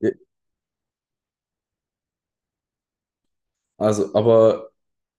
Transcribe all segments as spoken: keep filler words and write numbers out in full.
Ja, also, aber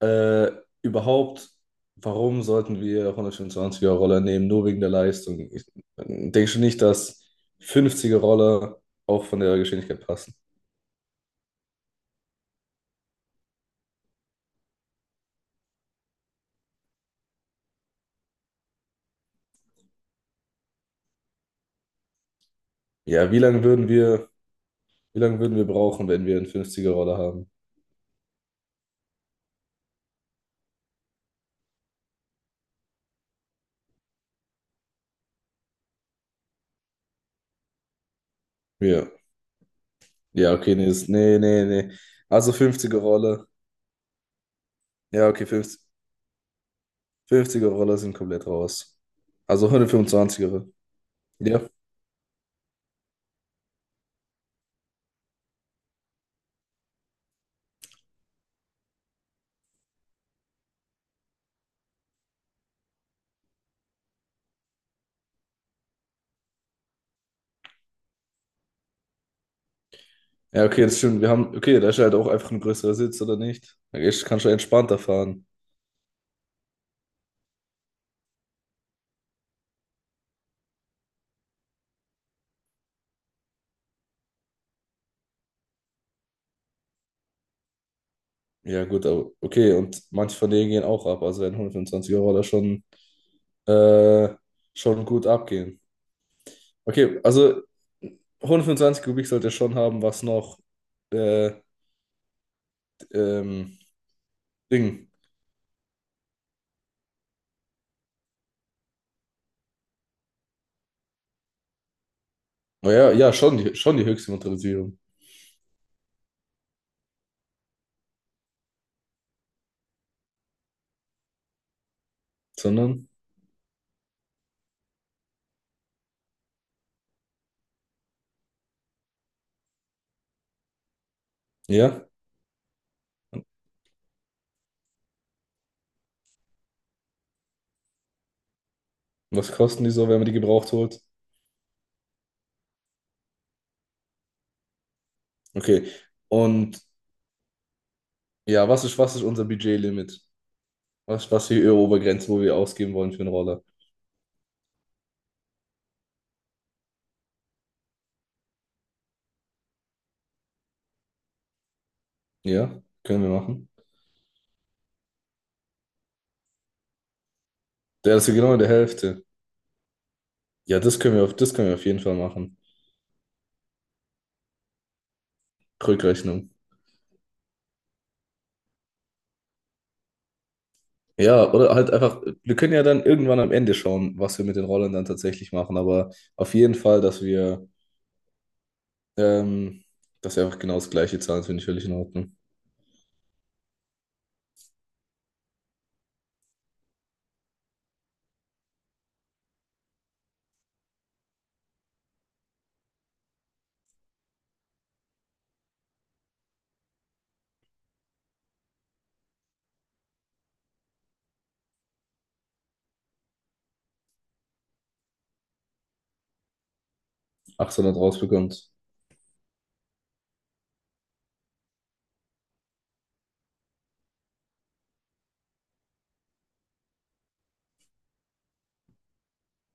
äh, überhaupt, warum sollten wir hundertfünfundzwanziger-Roller nehmen, nur wegen der Leistung? Ich äh, denke schon nicht, dass fünfziger-Roller auch von der Geschwindigkeit passen. Ja, wie lange würden wir, wie lange würden wir brauchen, wenn wir einen fünfziger-Roller haben? Ja, ja, okay, nee, ist- nee, nee, nee. Also fünfziger-Roller. Ja, okay, fünfzig, fünfziger-Roller sind komplett raus. Also hundertfünfundzwanziger. Ja, okay, das stimmt. Wir haben, okay, da ist ja halt auch einfach ein größerer Sitz, oder nicht? Da gehst- kannst du entspannter fahren. Ja, gut, aber okay, und manche von denen gehen auch ab. Also werden hundertfünfundzwanzig Euro da schon, äh, schon gut abgehen. Okay, also hundertfünfundzwanzig Kubik sollte schon haben, was noch äh, ähm, Ding. Naja, ja, ja, schon die, schon die höchste Motorisierung. Sondern, ja, was kosten die so, wenn man die gebraucht holt? Okay. Und ja, was ist, was ist unser Budgetlimit? Was, was die Euro-Obergrenze, wo wir ausgeben wollen für einen Roller. Ja, können wir machen. Der ist ja genau in der Hälfte. Ja, das können wir auf, das können wir auf jeden Fall machen. Rückrechnung. Ja, oder halt einfach, wir können ja dann irgendwann am Ende schauen, was wir mit den Rollern dann tatsächlich machen, aber auf jeden Fall, dass wir, ähm, dass wir einfach genau das gleiche zahlen, finde ich völlig in Ordnung. achthundert rausbekommt.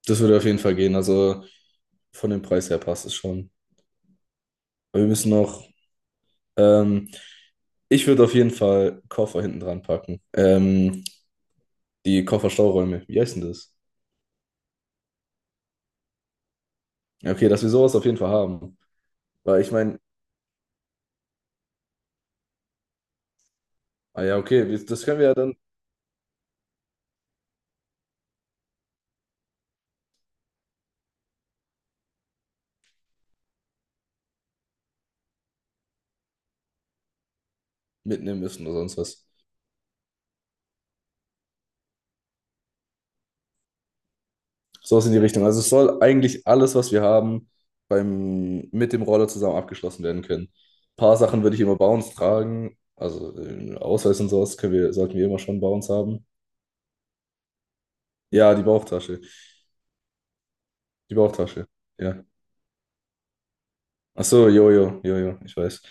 Das würde auf jeden Fall gehen, also von dem Preis her passt es schon. Aber wir müssen noch, ähm, ich würde auf jeden Fall Koffer hinten dran packen. Ähm, Die Kofferstauräume. Wie heißt denn das? Ja, okay, dass wir sowas auf jeden Fall haben. Weil ich meine, ah ja, okay, wir, das können wir ja dann mitnehmen müssen oder sonst was. Sowas in die Richtung. Also es soll eigentlich alles, was wir haben, beim, mit dem Roller zusammen abgeschlossen werden können. Ein paar Sachen würde ich immer bei uns tragen. Also äh, Ausweis und sowas können wir, sollten wir immer schon bei uns haben. Ja, die Bauchtasche. Die Bauchtasche. Ja. Ach so, jo, jo, jo, jo, ich weiß.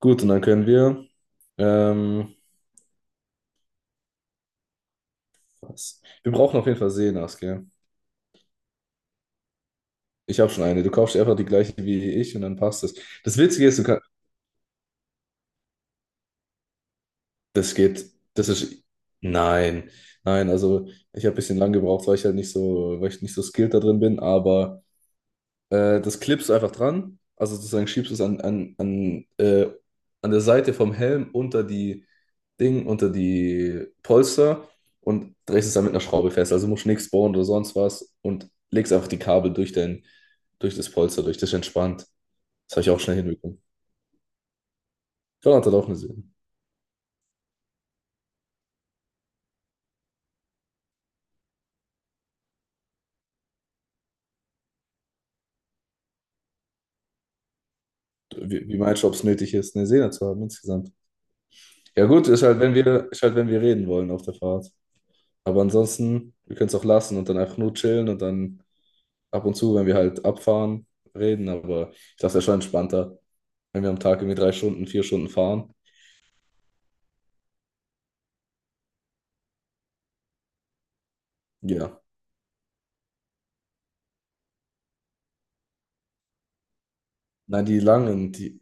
Gut, und dann können wir. Ähm, Was? Wir brauchen auf jeden Fall Seenas, gell? Ich habe schon eine. Du kaufst dir einfach die gleiche wie ich und dann passt das. Das Witzige ist, du kannst, das geht, das ist, nein, nein, also ich habe ein bisschen lang gebraucht, weil ich halt nicht so, weil ich nicht so skilled da drin bin, aber äh, das klippst du einfach dran, also sozusagen schiebst du es an, an, an, äh, an der Seite vom Helm unter die Ding, unter die Polster und drehst es dann mit einer Schraube fest. Also musst nichts bohren oder sonst was und legst einfach die Kabel durch dein, durch das Polster durch, das ist entspannt. Das habe ich auch schnell hinbekommen. Schon hat auch eine Seele. Wie, wie meinst du, ob es nötig ist, eine Sehne zu haben insgesamt? Ja gut, ist halt, wenn wir, ist halt, wenn wir reden wollen auf der Fahrt. Aber ansonsten, wir können es auch lassen und dann einfach nur chillen und dann ab und zu, wenn wir halt abfahren, reden. Aber ich dachte, es ist schon entspannter, wenn wir am Tag irgendwie drei Stunden, vier Stunden fahren. Ja. Nein, die langen, die,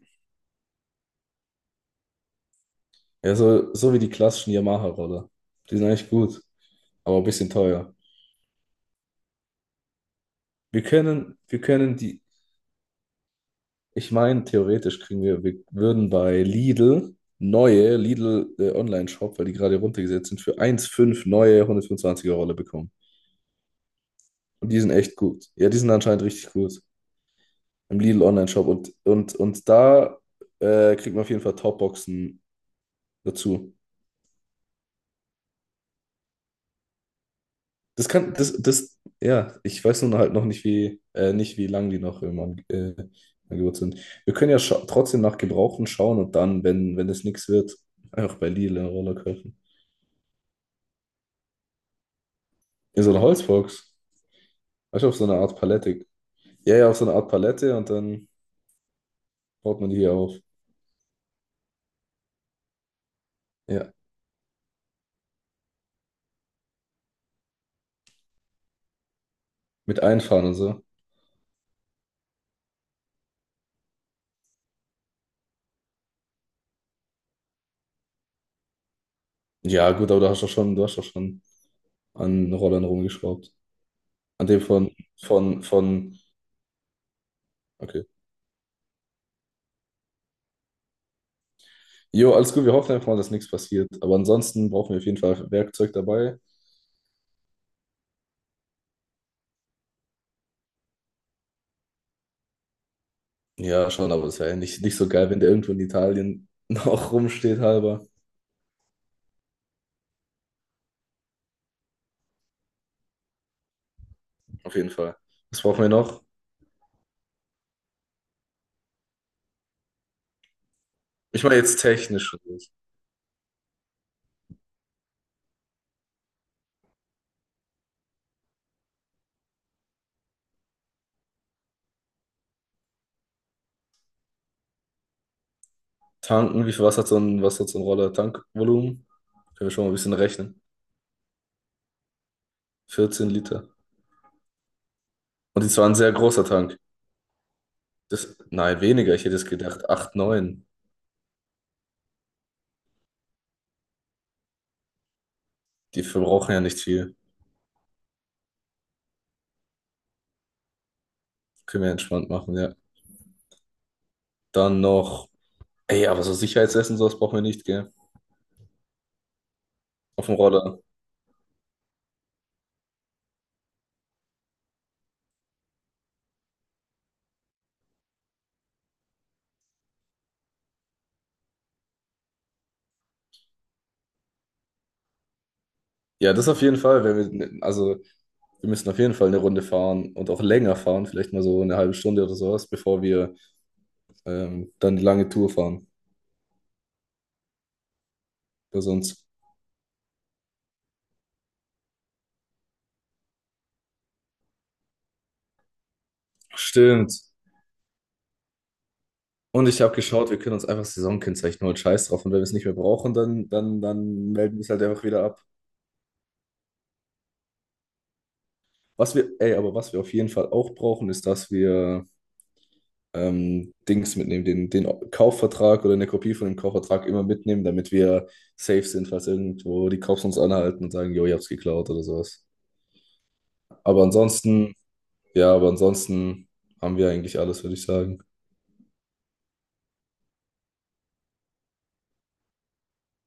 ja, so, so wie die klassischen Yamaha-Roller. Die sind eigentlich gut, aber ein bisschen teuer. Wir können, wir können die. Ich meine, theoretisch kriegen wir, wir würden bei Lidl neue Lidl äh, Online-Shop, weil die gerade runtergesetzt sind, für eins Komma fünf neue hundertfünfundzwanziger Rolle bekommen. Und die sind echt gut. Ja, die sind anscheinend richtig gut im Lidl Online-Shop. Und, und, und da äh, kriegt man auf jeden Fall Topboxen dazu. Das kann, das, das, Ja, ich weiß nur halt noch nicht, wie, äh, nicht, wie lang die noch im An- äh, Angebot sind. Wir können ja scha- trotzdem nach Gebrauchten schauen und dann, wenn, wenn das nichts wird, einfach bei Lidl eine Rolle kaufen. Ja, so ein Holzbox. Weißt du, auf so eine Art Palette. Ja, ja, auf so eine Art Palette und dann baut man die hier auf. Ja, mit Einfahren und so. Ja, gut, aber du hast doch schon, du hast doch schon an Rollern rumgeschraubt. An dem von, von, von, okay. Jo, alles gut, wir hoffen einfach mal, dass nichts passiert. Aber ansonsten brauchen wir auf jeden Fall Werkzeug dabei. Ja, schon, aber es wäre ja nicht, nicht so geil, wenn der irgendwo in Italien noch rumsteht, halber. Auf jeden Fall. Was brauchen wir noch? Ich meine jetzt technisch. Tanken, wie viel Wasser hat so ein, was hat so ein Roller? Tankvolumen? Können wir schon mal ein bisschen rechnen. vierzehn Liter. Und die war ein sehr großer Tank. Das, nein, weniger. Ich hätte es gedacht. acht, neun. Die verbrauchen ja nicht viel. Können wir entspannt machen, ja. Dann noch. Ey, aber so Sicherheitsessen, sowas brauchen wir nicht, gell? Auf dem Roller. Ja, das auf jeden Fall. Wenn wir, also, wir müssen auf jeden Fall eine Runde fahren und auch länger fahren. Vielleicht mal so eine halbe Stunde oder sowas, bevor wir ähm, dann die lange Tour fahren. Bei sonst. Stimmt. Und ich habe geschaut, wir können uns einfach Saisonkennzeichen holen, scheiß drauf. Und wenn wir es nicht mehr brauchen, dann, dann, dann melden wir es halt einfach wieder ab. Was wir, ey, aber was wir auf jeden Fall auch brauchen, ist, dass wir ähm, Dings mitnehmen, den, den Kaufvertrag oder eine Kopie von dem Kaufvertrag immer mitnehmen, damit wir safe sind, falls irgendwo die Cops uns anhalten und sagen, jo, ich hab's geklaut oder sowas. Aber ansonsten, ja, aber ansonsten haben wir eigentlich alles, würde ich sagen.